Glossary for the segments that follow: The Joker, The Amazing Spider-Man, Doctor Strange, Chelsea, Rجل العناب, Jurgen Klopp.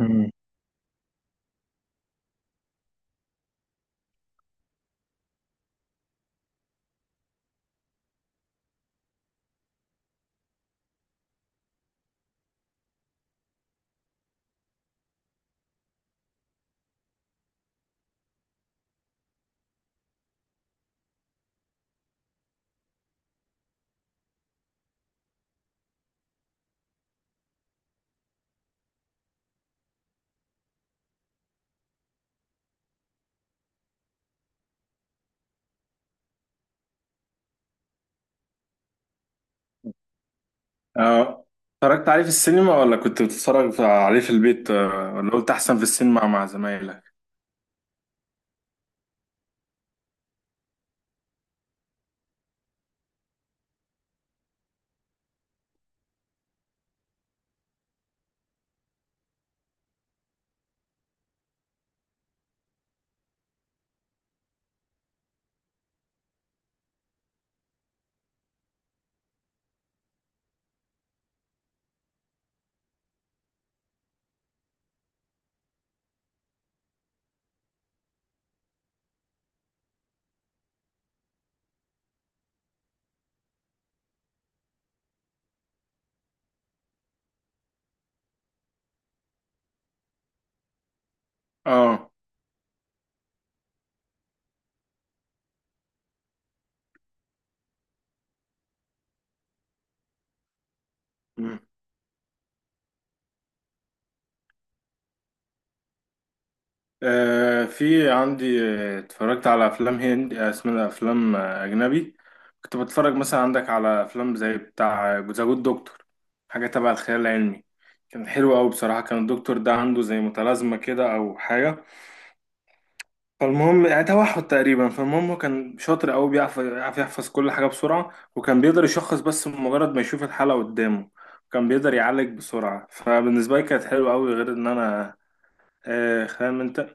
مم. آه، اتفرجت عليه في السينما ولا كنت بتتفرج عليه في البيت، ولا قلت احسن في السينما مع زمايلك؟ اه. مم. آه، في عندي. اتفرجت على افلام هند، اسمها افلام، اجنبي. كنت بتفرج مثلا عندك على افلام زي بتاع ذا جود دكتور، حاجه تبع الخيال العلمي. كان حلو قوي بصراحه. كان الدكتور ده عنده زي متلازمه كده او حاجه. فالمهم يعني توحد تقريبا. فالمهم هو كان شاطر قوي، يعرف يحفظ كل حاجه بسرعه، وكان بيقدر يشخص بس مجرد ما يشوف الحاله قدامه. كان بيقدر يعالج بسرعه. فبالنسبه لي كانت حلوه قوي، غير ان انا، آه، فاهم انت،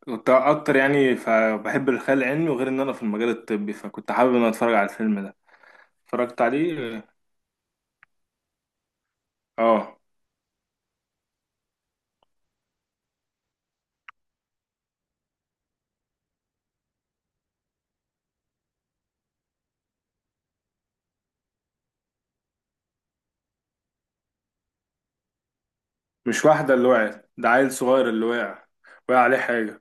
كنت اكتر يعني. فبحب الخيال العلمي، وغير ان انا في المجال الطبي، فكنت حابب ان انا اتفرج على الفيلم ده. اتفرجت عليه. اه. مش واحده اللي وقعت ده، عيل صغير اللي وقع، وقع عليه حاجه.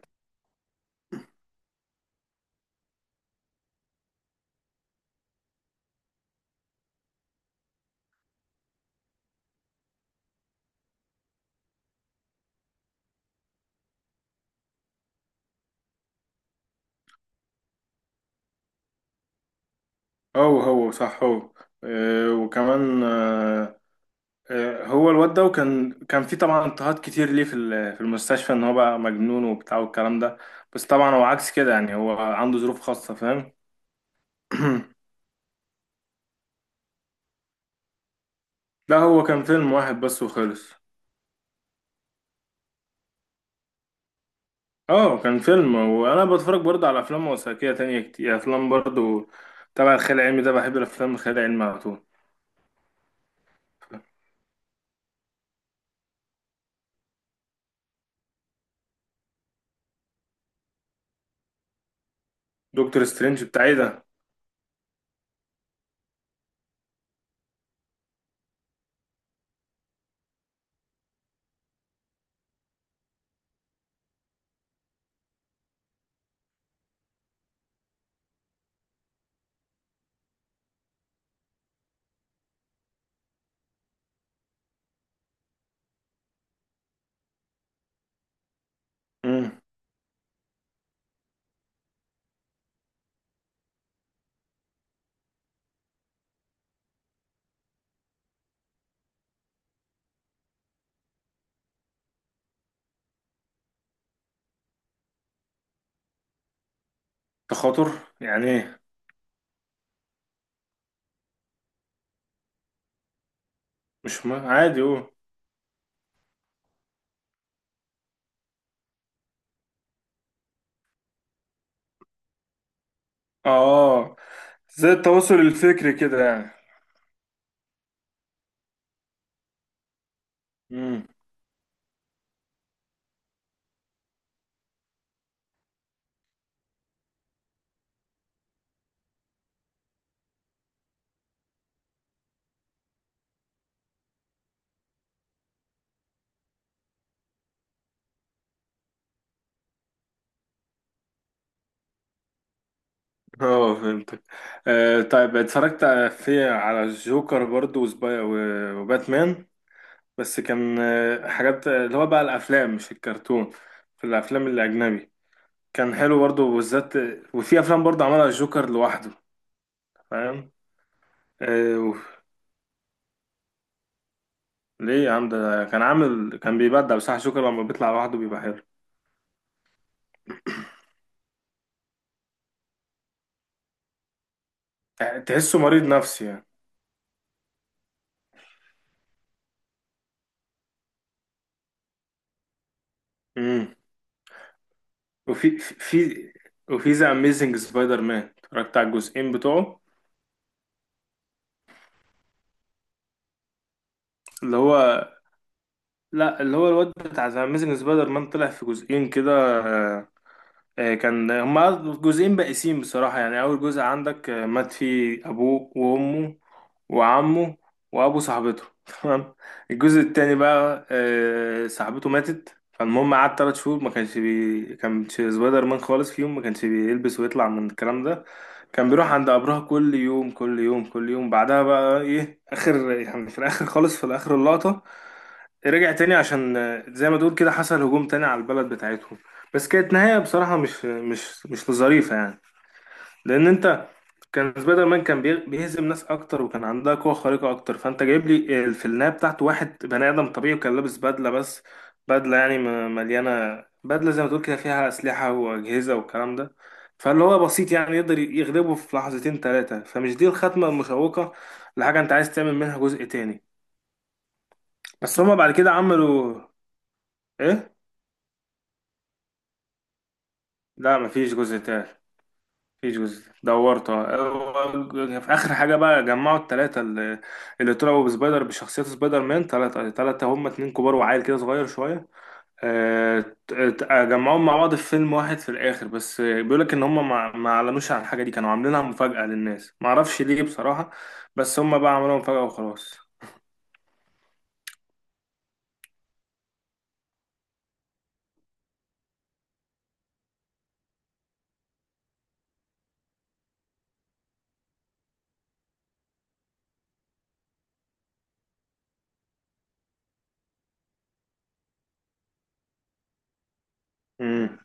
هو هو صح، هو. آه، وكمان، آه. آه، هو الواد ده، وكان كان في طبعا اضطهاد كتير ليه في في المستشفى، ان هو بقى مجنون وبتاع والكلام ده. بس طبعا هو عكس كده يعني. هو عنده ظروف خاصة، فاهم. لا هو كان فيلم واحد بس وخلص. اه كان فيلم. وانا بتفرج برضه على افلام وثائقية تانية كتير، افلام برضه تبع الخيال العلمي ده. بحب الافلام الخيال العلمي على طول. دكتور سترينج بتاع ايه ده؟ مم. تخاطر؟ يعني ايه؟ مش ما عادي هو. اه، زي التواصل الفكري كده. يعني اه فهمتك. آه طيب. اتفرجت في على الجوكر برضو وباتمان. بس كان، آه، حاجات، آه، اللي هو بقى الافلام، مش الكرتون، في الافلام الاجنبي. كان حلو برضو بالذات. وفي افلام برضو عملها الجوكر لوحده، فاهم. آه وف- ليه يا عم؟ ده كان عامل، كان بيبدع بصح. الجوكر لما بيطلع لوحده بيبقى حلو. تحسه مريض نفسي يعني. امم. وفي في في- وفي ذا اميزنج سبايدر مان اتفرجت على الجزئين بتوعه. اللي هو، لا اللي هو الواد بتاع اميزنج سبايدر مان طلع في جزئين كده. آه. آه، كان هما جزئين بائسين بصراحة يعني. أول جزء عندك، آه، مات فيه أبوه وأمه وعمه وأبو صاحبته تمام. الجزء التاني بقى، آه، صاحبته ماتت. فالمهم قعد تلات شهور ما كانش سبايدر مان خالص فيهم، ما كانش بيلبس ويطلع من الكلام ده. كان بيروح عند قبرها كل يوم كل يوم كل يوم. بعدها بقى ايه، اخر يعني في الاخر خالص، في الاخر اللقطة، رجع تاني عشان، آه، زي ما تقول كده حصل هجوم تاني على البلد بتاعتهم. بس كانت نهاية بصراحة مش ظريفة يعني. لأن أنت، كان سبايدر مان كان بيهزم ناس أكتر، وكان عندها قوة خارقة أكتر، فأنت جايب لي، آه، في النهاية بتاعته واحد بني آدم طبيعي، وكان لابس بدلة بس. بدلة يعني مليانة، بدلة زي ما تقول كده فيها أسلحة وأجهزة والكلام ده. فاللي هو بسيط يعني، يقدر يغلبه في لحظتين ثلاثة. فمش دي الختمة المشوقة لحاجة أنت عايز تعمل منها جزء تاني. بس هما بعد كده عملوا إيه؟ لا مفيش جزء تالت. مفيش جزء تالت. دورته هو- في اخر حاجه بقى جمعوا الثلاثه اللي، اللي طلعوا بسبايدر بشخصيات سبايدر مان ثلاثه. ثلاثه هم، اتنين كبار وعيل كده صغير شويه. آه. ت- ت- جمعوهم مع بعض في فيلم واحد في الاخر. بس بيقول لك ان هم ما اعلنوش عن الحاجه دي، كانوا عاملينها مفاجاه للناس، ما اعرفش ليه بصراحه. بس هم بقى عملوها مفاجاه وخلاص. امم.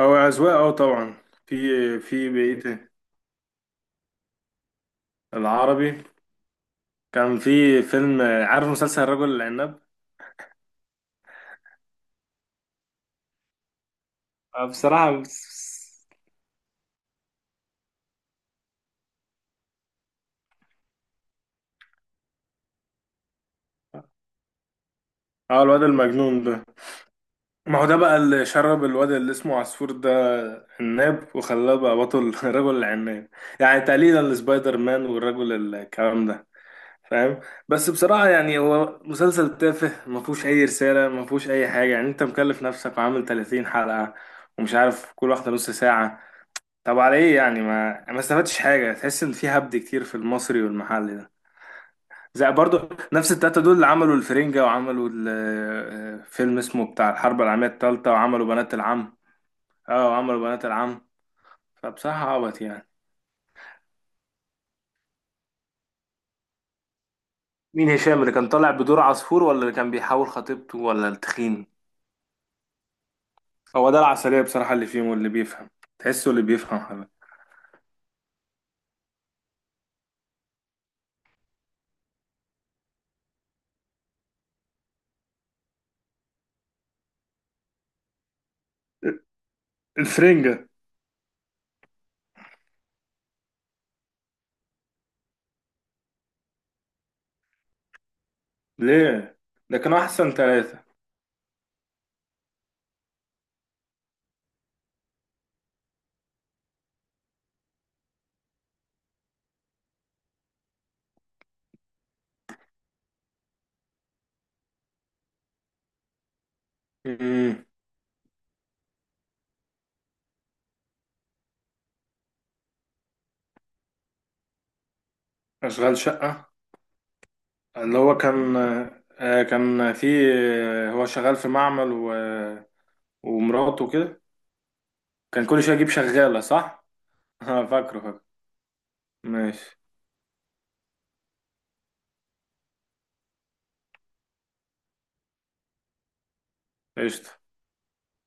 هو اذواق اه طبعا. في. في بقيه العربي، كان في فيلم، عارف مسلسل الرجل العناب؟ آه، بصراحة اه الواد المجنون ده. ما هو ده بقى اللي شرب الواد اللي اسمه عصفور ده عناب وخلاه بقى بطل رجل العناب، يعني تقليدا لسبايدر مان والرجل الكلام ده، فاهم. بس بصراحة يعني هو مسلسل تافه، ما فيهوش أي رسالة، ما فيهوش أي حاجة يعني. أنت مكلف نفسك وعامل 30 حلقة، ومش عارف كل واحدة نص ساعة. طب على إيه يعني؟ ما استفدتش حاجة. تحس إن في هبد كتير في المصري والمحلي ده. زي برضو نفس التلاتة دول، اللي عملوا الفرنجة، وعملوا فيلم اسمه بتاع الحرب العالمية التالتة، وعملوا بنات العم. اه، وعملوا بنات العم. فبصراحة عبط يعني. مين هشام؟ اللي كان طالع بدور عصفور، ولا اللي كان بيحاول خطيبته، ولا التخين؟ هو ده العسلية بصراحة اللي فيهم واللي بيفهم. تحسه اللي بيفهم حاجة. الفرنجة؟ ليه، ده كانوا أحسن ثلاثة. أمم. أشغال شقة. اللي هو كان، آه، كان في، آه، هو شغال في معمل و... ومراته كده كان كل شويه يجيب شغاله، صح؟ اه فاكره فاكره. ماشي. قشطه.